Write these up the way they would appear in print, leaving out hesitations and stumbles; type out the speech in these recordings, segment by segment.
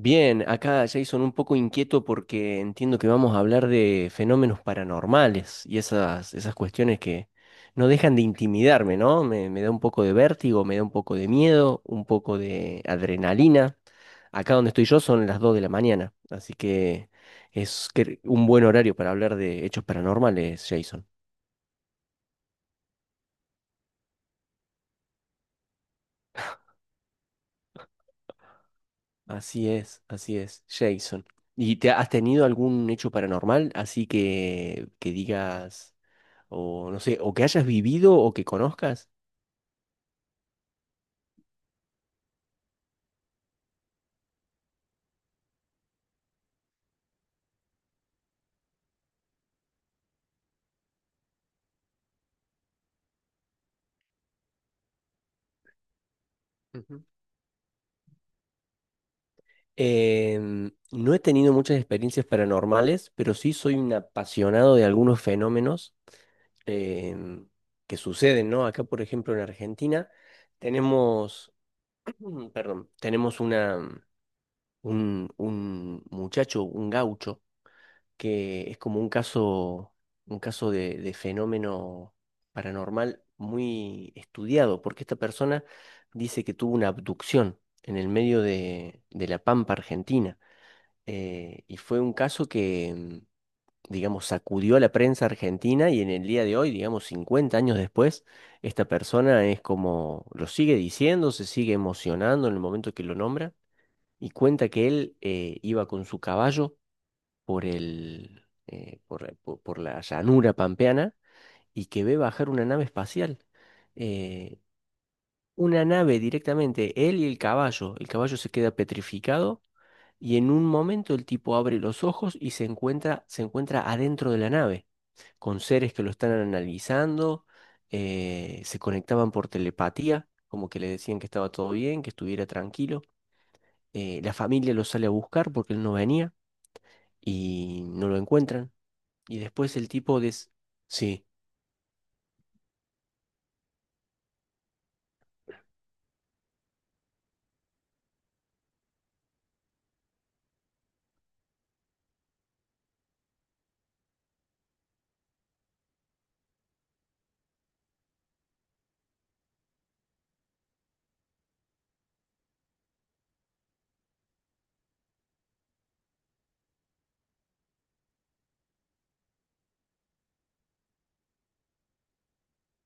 Bien, acá Jason un poco inquieto porque entiendo que vamos a hablar de fenómenos paranormales y esas cuestiones que no dejan de intimidarme, ¿no? Me da un poco de vértigo, me da un poco de miedo, un poco de adrenalina. Acá donde estoy yo son las 2 de la mañana, así que un buen horario para hablar de hechos paranormales, Jason. Así es, Jason. ¿Y te has tenido algún hecho paranormal así que digas... o no sé, o que hayas vivido o que conozcas. Ujú. No he tenido muchas experiencias paranormales, pero sí soy un apasionado de algunos fenómenos em, que suceden, ¿no? Acá, por ejemplo, en Argentina tenemos, perdón, tenemos una, un muchacho, un gaucho, que es como un caso de fenómeno paranormal muy estudiado, porque esta persona dice que tuvo una abducción en el medio de la Pampa Argentina, y fue un caso que, digamos, sacudió a la prensa argentina y en el día de hoy, digamos, 50 años después, esta persona es como, lo sigue diciendo, se sigue emocionando en el momento que lo nombra. Y cuenta que él iba con su caballo por el, por la llanura pampeana y que ve bajar una nave espacial. Eh, una nave directamente, él y el caballo. El caballo se queda petrificado y en un momento el tipo abre los ojos y se encuentra adentro de la nave, con seres que lo están analizando, se conectaban por telepatía, como que le decían que estaba todo bien, que estuviera tranquilo. La familia lo sale a buscar porque él no venía y no lo encuentran. Y después el tipo de... Sí,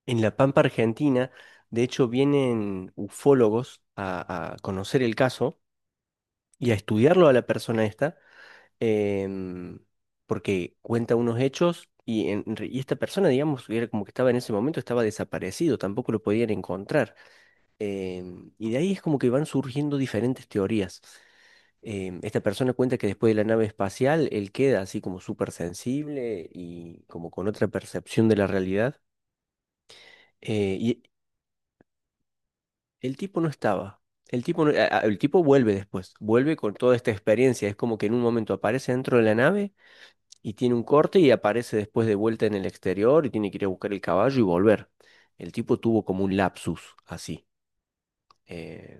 en la Pampa Argentina, de hecho, vienen ufólogos a conocer el caso y a estudiarlo a la persona esta, em, porque cuenta unos hechos y, y esta persona, digamos, era como que estaba en ese momento, estaba desaparecido, tampoco lo podían encontrar. Y de ahí es como que van surgiendo diferentes teorías. Esta persona cuenta que después de la nave espacial, él queda así como súper sensible y como con otra percepción de la realidad. Y el tipo no estaba. El tipo, no- a- El tipo vuelve después, vuelve con toda esta experiencia. Es como que en un momento aparece dentro de la nave y tiene un corte y aparece después de vuelta en el exterior y tiene que ir a buscar el caballo y volver. El tipo tuvo como un lapsus así. Eh,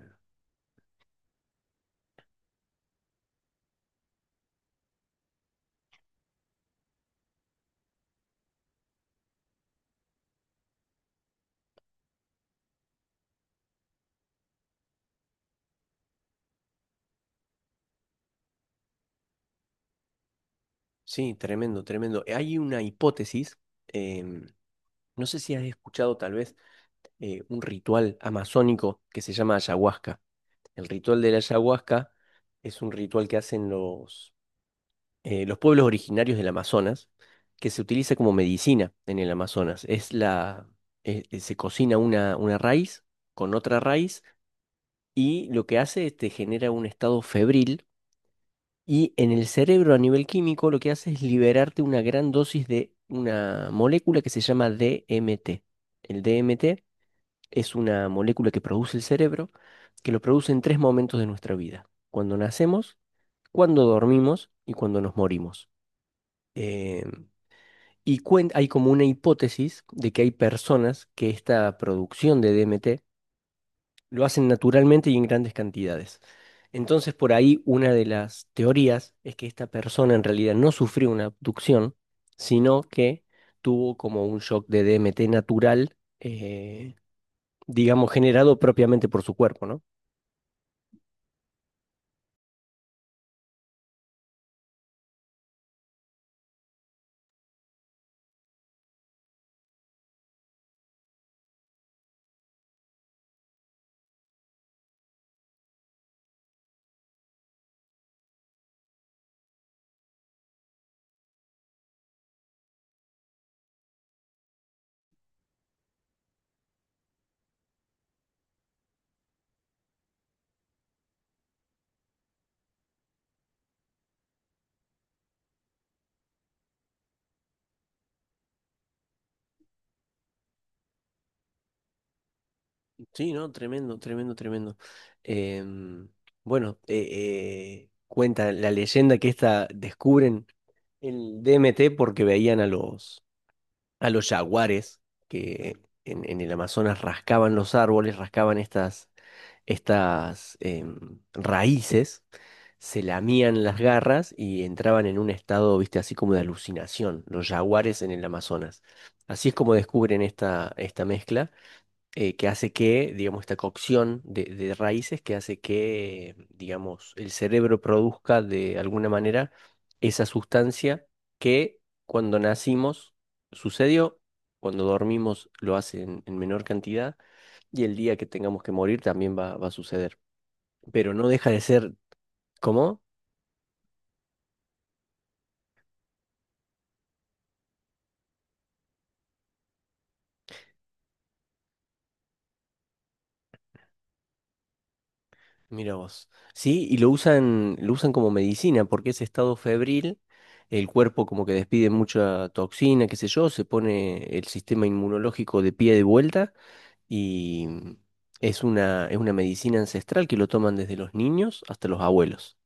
sí, tremendo, tremendo. Hay una hipótesis, em, no sé si has escuchado tal vez un ritual amazónico que se llama ayahuasca. El ritual de la ayahuasca es un ritual que hacen los pueblos originarios del Amazonas, que se utiliza como medicina en el Amazonas. Es la, se cocina una raíz con otra raíz y lo que hace es te genera un estado febril y en el cerebro a nivel químico lo que hace es liberarte una gran dosis de una molécula que se llama DMT. El DMT es una molécula que produce el cerebro, que lo produce en 3 momentos de nuestra vida. Cuando nacemos, cuando dormimos y cuando nos morimos. Em, Y hay como una hipótesis de que hay personas que esta producción de DMT lo hacen naturalmente y en grandes cantidades. Entonces, por ahí una de las teorías es que esta persona en realidad no sufrió una abducción, sino que tuvo como un shock de DMT natural, digamos, generado propiamente por su cuerpo, ¿no? Sí, no, tremendo, tremendo, tremendo. Em, bueno, cuenta la leyenda que esta descubren el DMT porque veían a a los jaguares que en el Amazonas rascaban los árboles, rascaban estas, estas raíces, se lamían las garras y entraban en un estado, viste, así como de alucinación, los jaguares en el Amazonas. Así es como descubren esta mezcla que hace que, digamos, esta cocción de raíces que hace que, digamos, el cerebro produzca de alguna manera esa sustancia que cuando nacimos sucedió, cuando dormimos lo hace en menor cantidad y el día que tengamos que morir también va a suceder. Pero no deja de ser, ¿cómo? Mira vos. Sí, y lo usan como medicina, porque ese estado febril, el cuerpo como que despide mucha toxina, qué sé yo, se pone el sistema inmunológico de pie de vuelta y es una medicina ancestral que lo toman desde los niños hasta los abuelos.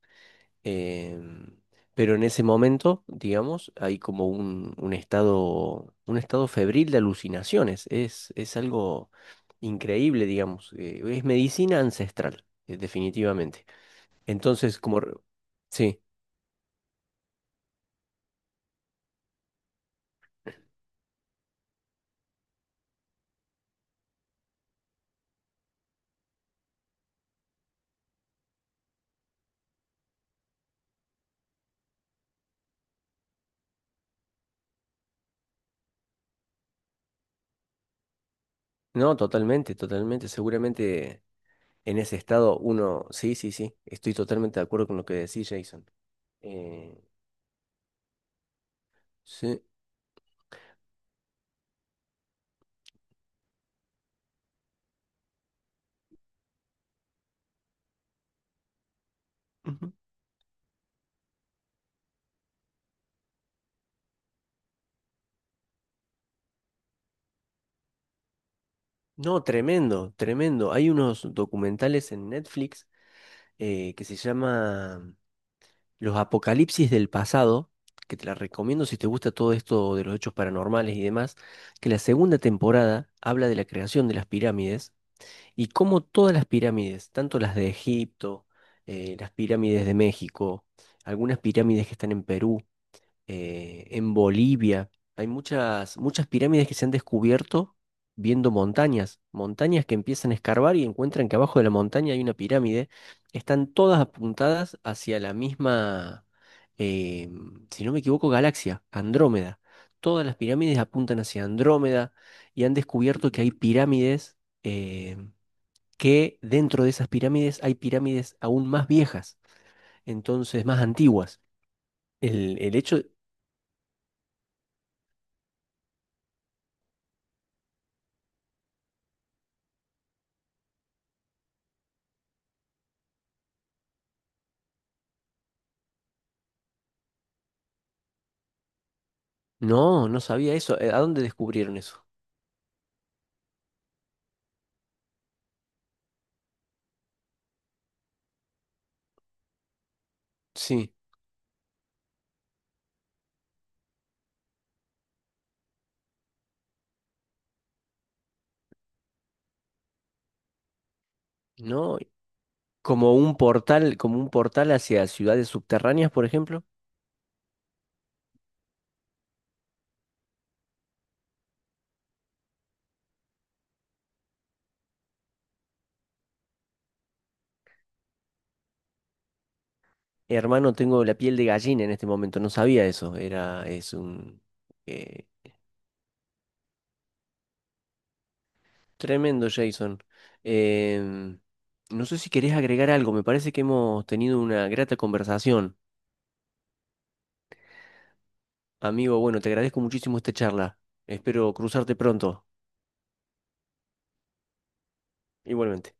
Em, pero en ese momento, digamos, hay como un estado febril de alucinaciones. Es algo increíble, digamos. Es medicina ancestral, definitivamente. Entonces, como... re- Sí, no, totalmente, totalmente. Seguramente en ese estado uno... Sí, sí, sí. Estoy totalmente de acuerdo con lo que decís, Jason. Eh, sí. Ujú. No, tremendo, tremendo. Hay unos documentales en Netflix que se llama Los Apocalipsis del Pasado, que te la recomiendo si te gusta todo esto de los hechos paranormales y demás, que la segunda temporada habla de la creación de las pirámides y cómo todas las pirámides, tanto las de Egipto, las pirámides de México, algunas pirámides que están en Perú, en Bolivia, hay muchas, muchas pirámides que se han descubierto viendo montañas, montañas que empiezan a escarbar y encuentran que abajo de la montaña hay una pirámide, están todas apuntadas hacia la misma, eh, si no me equivoco, galaxia, Andrómeda. Todas las pirámides apuntan hacia Andrómeda y han descubierto que hay pirámides. em, que dentro de esas pirámides hay pirámides aún más viejas, entonces más antiguas. El hecho, no, no sabía eso. ¿A dónde descubrieron eso? Sí, no, como un portal hacia ciudades subterráneas, por ejemplo. Hermano, tengo la piel de gallina en este momento, no sabía eso. Era, es un eh, tremendo, Jason. Em, no sé si querés agregar algo, me parece que hemos tenido una grata conversación. Amigo, bueno, te agradezco muchísimo esta charla. Espero cruzarte pronto. Igualmente.